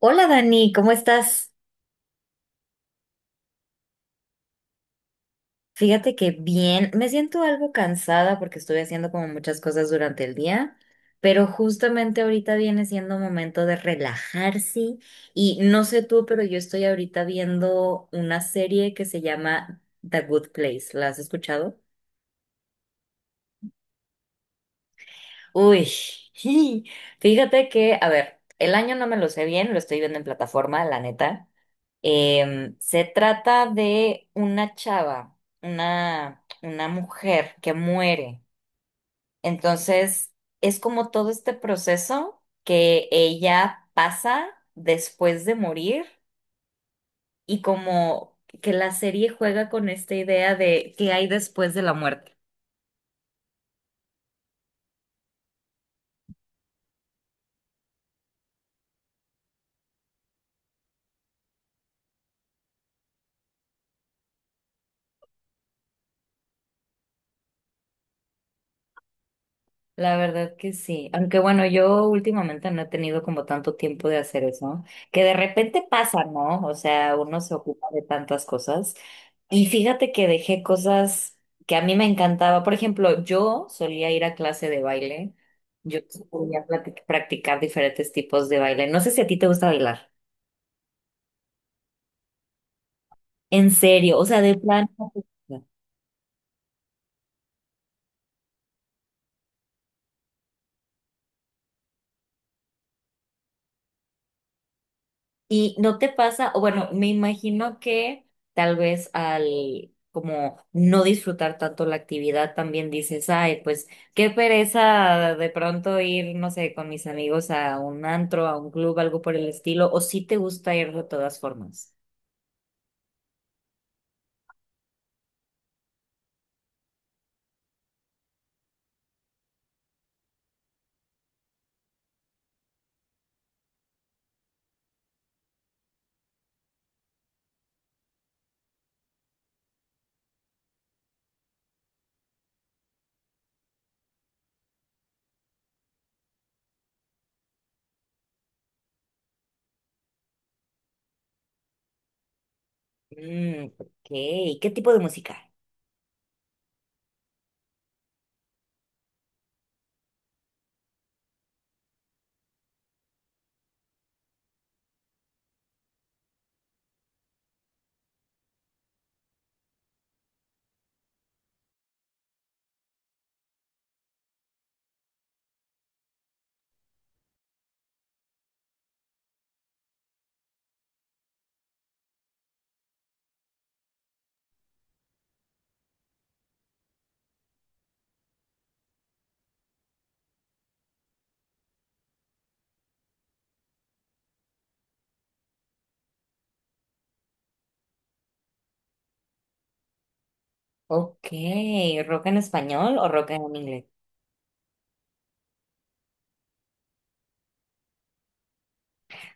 Hola Dani, ¿cómo estás? Fíjate que bien, me siento algo cansada porque estuve haciendo como muchas cosas durante el día, pero justamente ahorita viene siendo momento de relajarse y no sé tú, pero yo estoy ahorita viendo una serie que se llama The Good Place. ¿La has escuchado? Uy, fíjate que, a ver, el año no me lo sé bien, lo estoy viendo en plataforma, la neta. Se trata de una chava, una mujer que muere. Entonces, es como todo este proceso que ella pasa después de morir y como que la serie juega con esta idea de qué hay después de la muerte. La verdad que sí, aunque bueno, yo últimamente no he tenido como tanto tiempo de hacer eso, que de repente pasa, ¿no? O sea, uno se ocupa de tantas cosas. Y fíjate que dejé cosas que a mí me encantaba. Por ejemplo, yo solía ir a clase de baile. Yo practicar diferentes tipos de baile. No sé si a ti te gusta bailar. En serio, o sea, de plan. No. Y no te pasa, o bueno, me imagino que tal vez al como no disfrutar tanto la actividad también dices, ay, pues qué pereza de pronto ir, no sé, con mis amigos a un antro, a un club, algo por el estilo, o si te gusta ir de todas formas. Mm, ok. ¿Qué tipo de música? Ok, ¿rock en español o rock en inglés?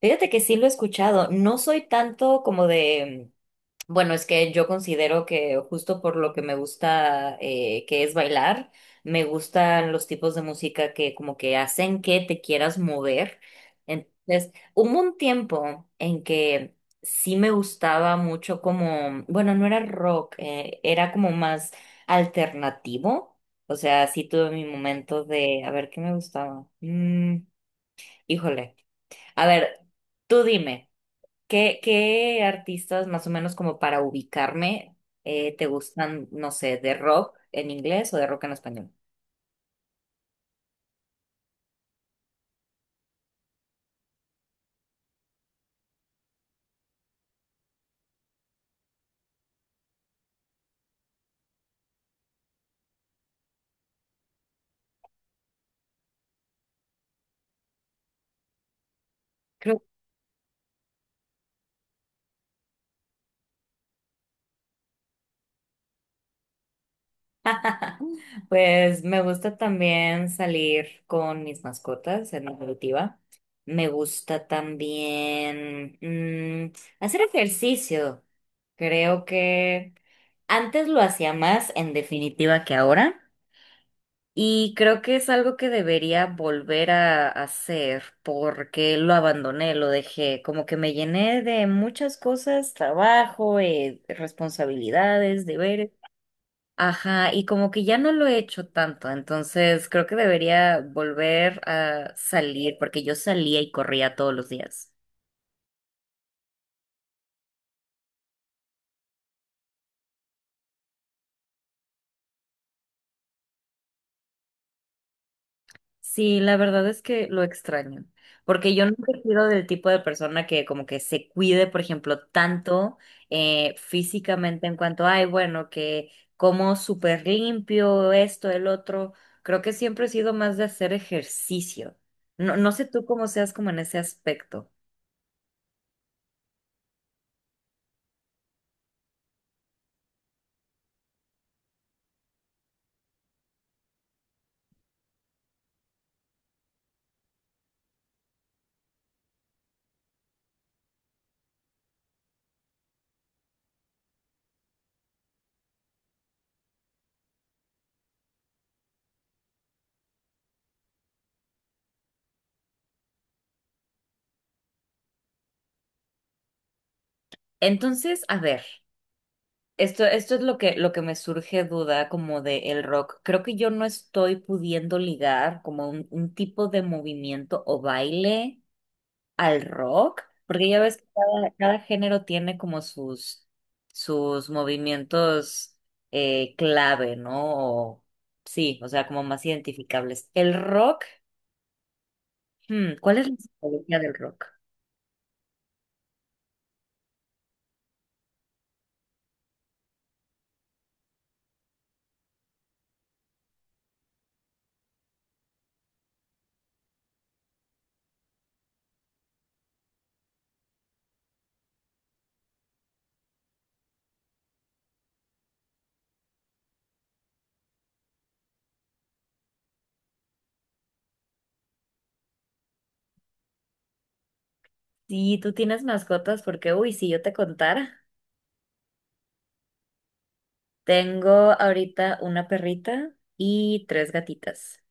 Fíjate que sí lo he escuchado. No soy tanto como de, bueno, es que yo considero que justo por lo que me gusta, que es bailar, me gustan los tipos de música que como que hacen que te quieras mover. Entonces, hubo un tiempo en que sí me gustaba mucho como, bueno, no era rock, era como más alternativo. O sea, sí tuve mi momento de, a ver, ¿qué me gustaba? Híjole. A ver, tú dime. ¿Qué, qué artistas, más o menos como para ubicarme, te gustan, no sé, de rock en inglés o de rock en español? Creo. Pues me gusta también salir con mis mascotas en definitiva. Me gusta también, hacer ejercicio. Creo que antes lo hacía más en definitiva que ahora. Y creo que es algo que debería volver a hacer porque lo abandoné, lo dejé, como que me llené de muchas cosas, trabajo, responsabilidades, deberes. Ajá, y como que ya no lo he hecho tanto, entonces creo que debería volver a salir porque yo salía y corría todos los días. Sí, la verdad es que lo extraño, porque yo nunca he sido del tipo de persona que como que se cuide, por ejemplo, tanto físicamente en cuanto, ay, bueno, que como súper limpio, esto, el otro. Creo que siempre he sido más de hacer ejercicio. No, sé tú cómo seas como en ese aspecto. Entonces, a ver, esto es lo que me surge duda como de el rock. Creo que yo no estoy pudiendo ligar como un tipo de movimiento o baile al rock, porque ya ves que cada género tiene como sus, sus movimientos, clave, ¿no? O sí, o sea, como más identificables. El rock, hmm, ¿cuál es la psicología del rock? Si tú tienes mascotas, porque, uy, si yo te contara, tengo ahorita una perrita y tres gatitas.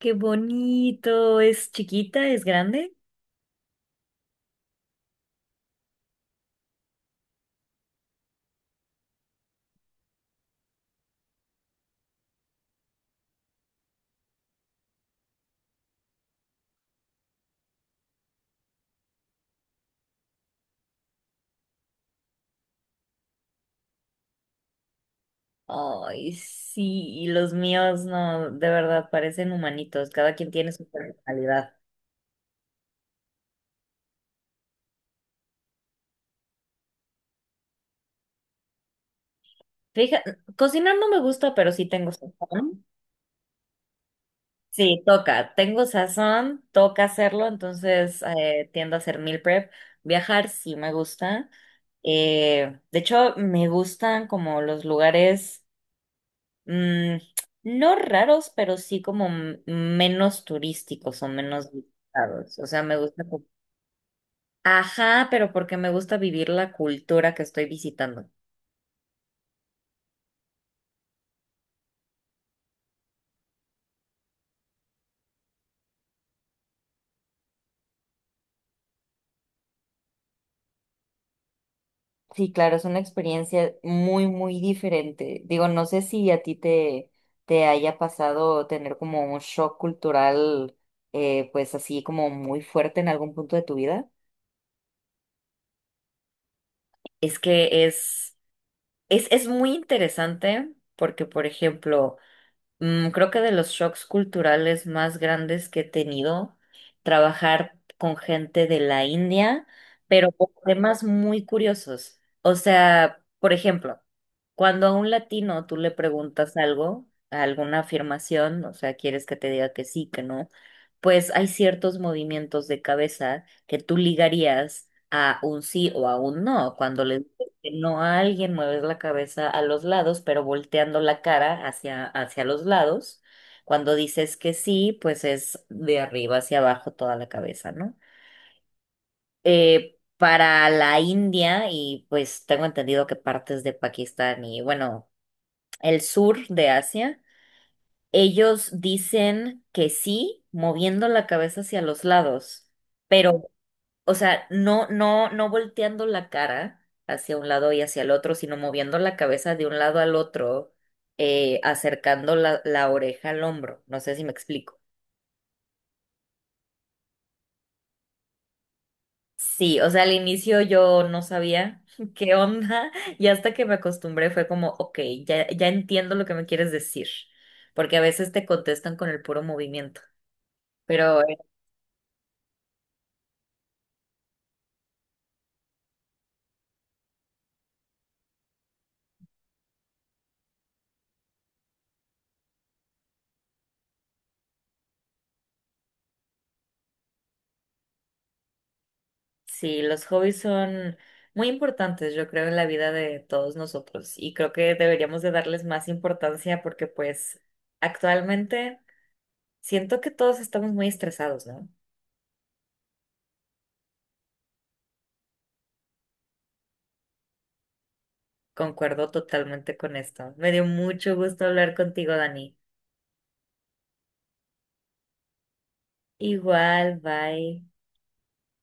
Qué bonito, ¿es chiquita, es grande? Ay, sí, y los míos no, de verdad, parecen humanitos, cada quien tiene su personalidad. Fíjate, cocinar no me gusta, pero sí tengo sazón. Sí, toca, tengo sazón, toca hacerlo, entonces, tiendo a hacer meal prep. Viajar sí me gusta. De hecho, me gustan como los lugares, mm, no raros, pero sí como menos turísticos o menos visitados. O sea, me gusta. Ajá, pero porque me gusta vivir la cultura que estoy visitando. Sí, claro, es una experiencia muy, muy diferente. Digo, no sé si a ti te, te haya pasado tener como un shock cultural, pues así como muy fuerte en algún punto de tu vida. Es que es muy interesante porque, por ejemplo, creo que de los shocks culturales más grandes que he tenido, trabajar con gente de la India, pero con temas muy curiosos. O sea, por ejemplo, cuando a un latino tú le preguntas algo, alguna afirmación, o sea, quieres que te diga que sí, que no, pues hay ciertos movimientos de cabeza que tú ligarías a un sí o a un no. Cuando le no a alguien, mueves la cabeza a los lados, pero volteando la cara hacia, hacia los lados. Cuando dices que sí, pues es de arriba hacia abajo toda la cabeza, ¿no? Para la India, y pues tengo entendido que partes de Pakistán y bueno, el sur de Asia, ellos dicen que sí, moviendo la cabeza hacia los lados, pero o sea, no volteando la cara hacia un lado y hacia el otro, sino moviendo la cabeza de un lado al otro, acercando la, la oreja al hombro. No sé si me explico. Sí, o sea, al inicio yo no sabía qué onda y hasta que me acostumbré fue como, ok, ya entiendo lo que me quieres decir, porque a veces te contestan con el puro movimiento, pero sí, los hobbies son muy importantes, yo creo, en la vida de todos nosotros y creo que deberíamos de darles más importancia porque pues actualmente siento que todos estamos muy estresados, ¿no? Concuerdo totalmente con esto. Me dio mucho gusto hablar contigo, Dani. Igual, bye.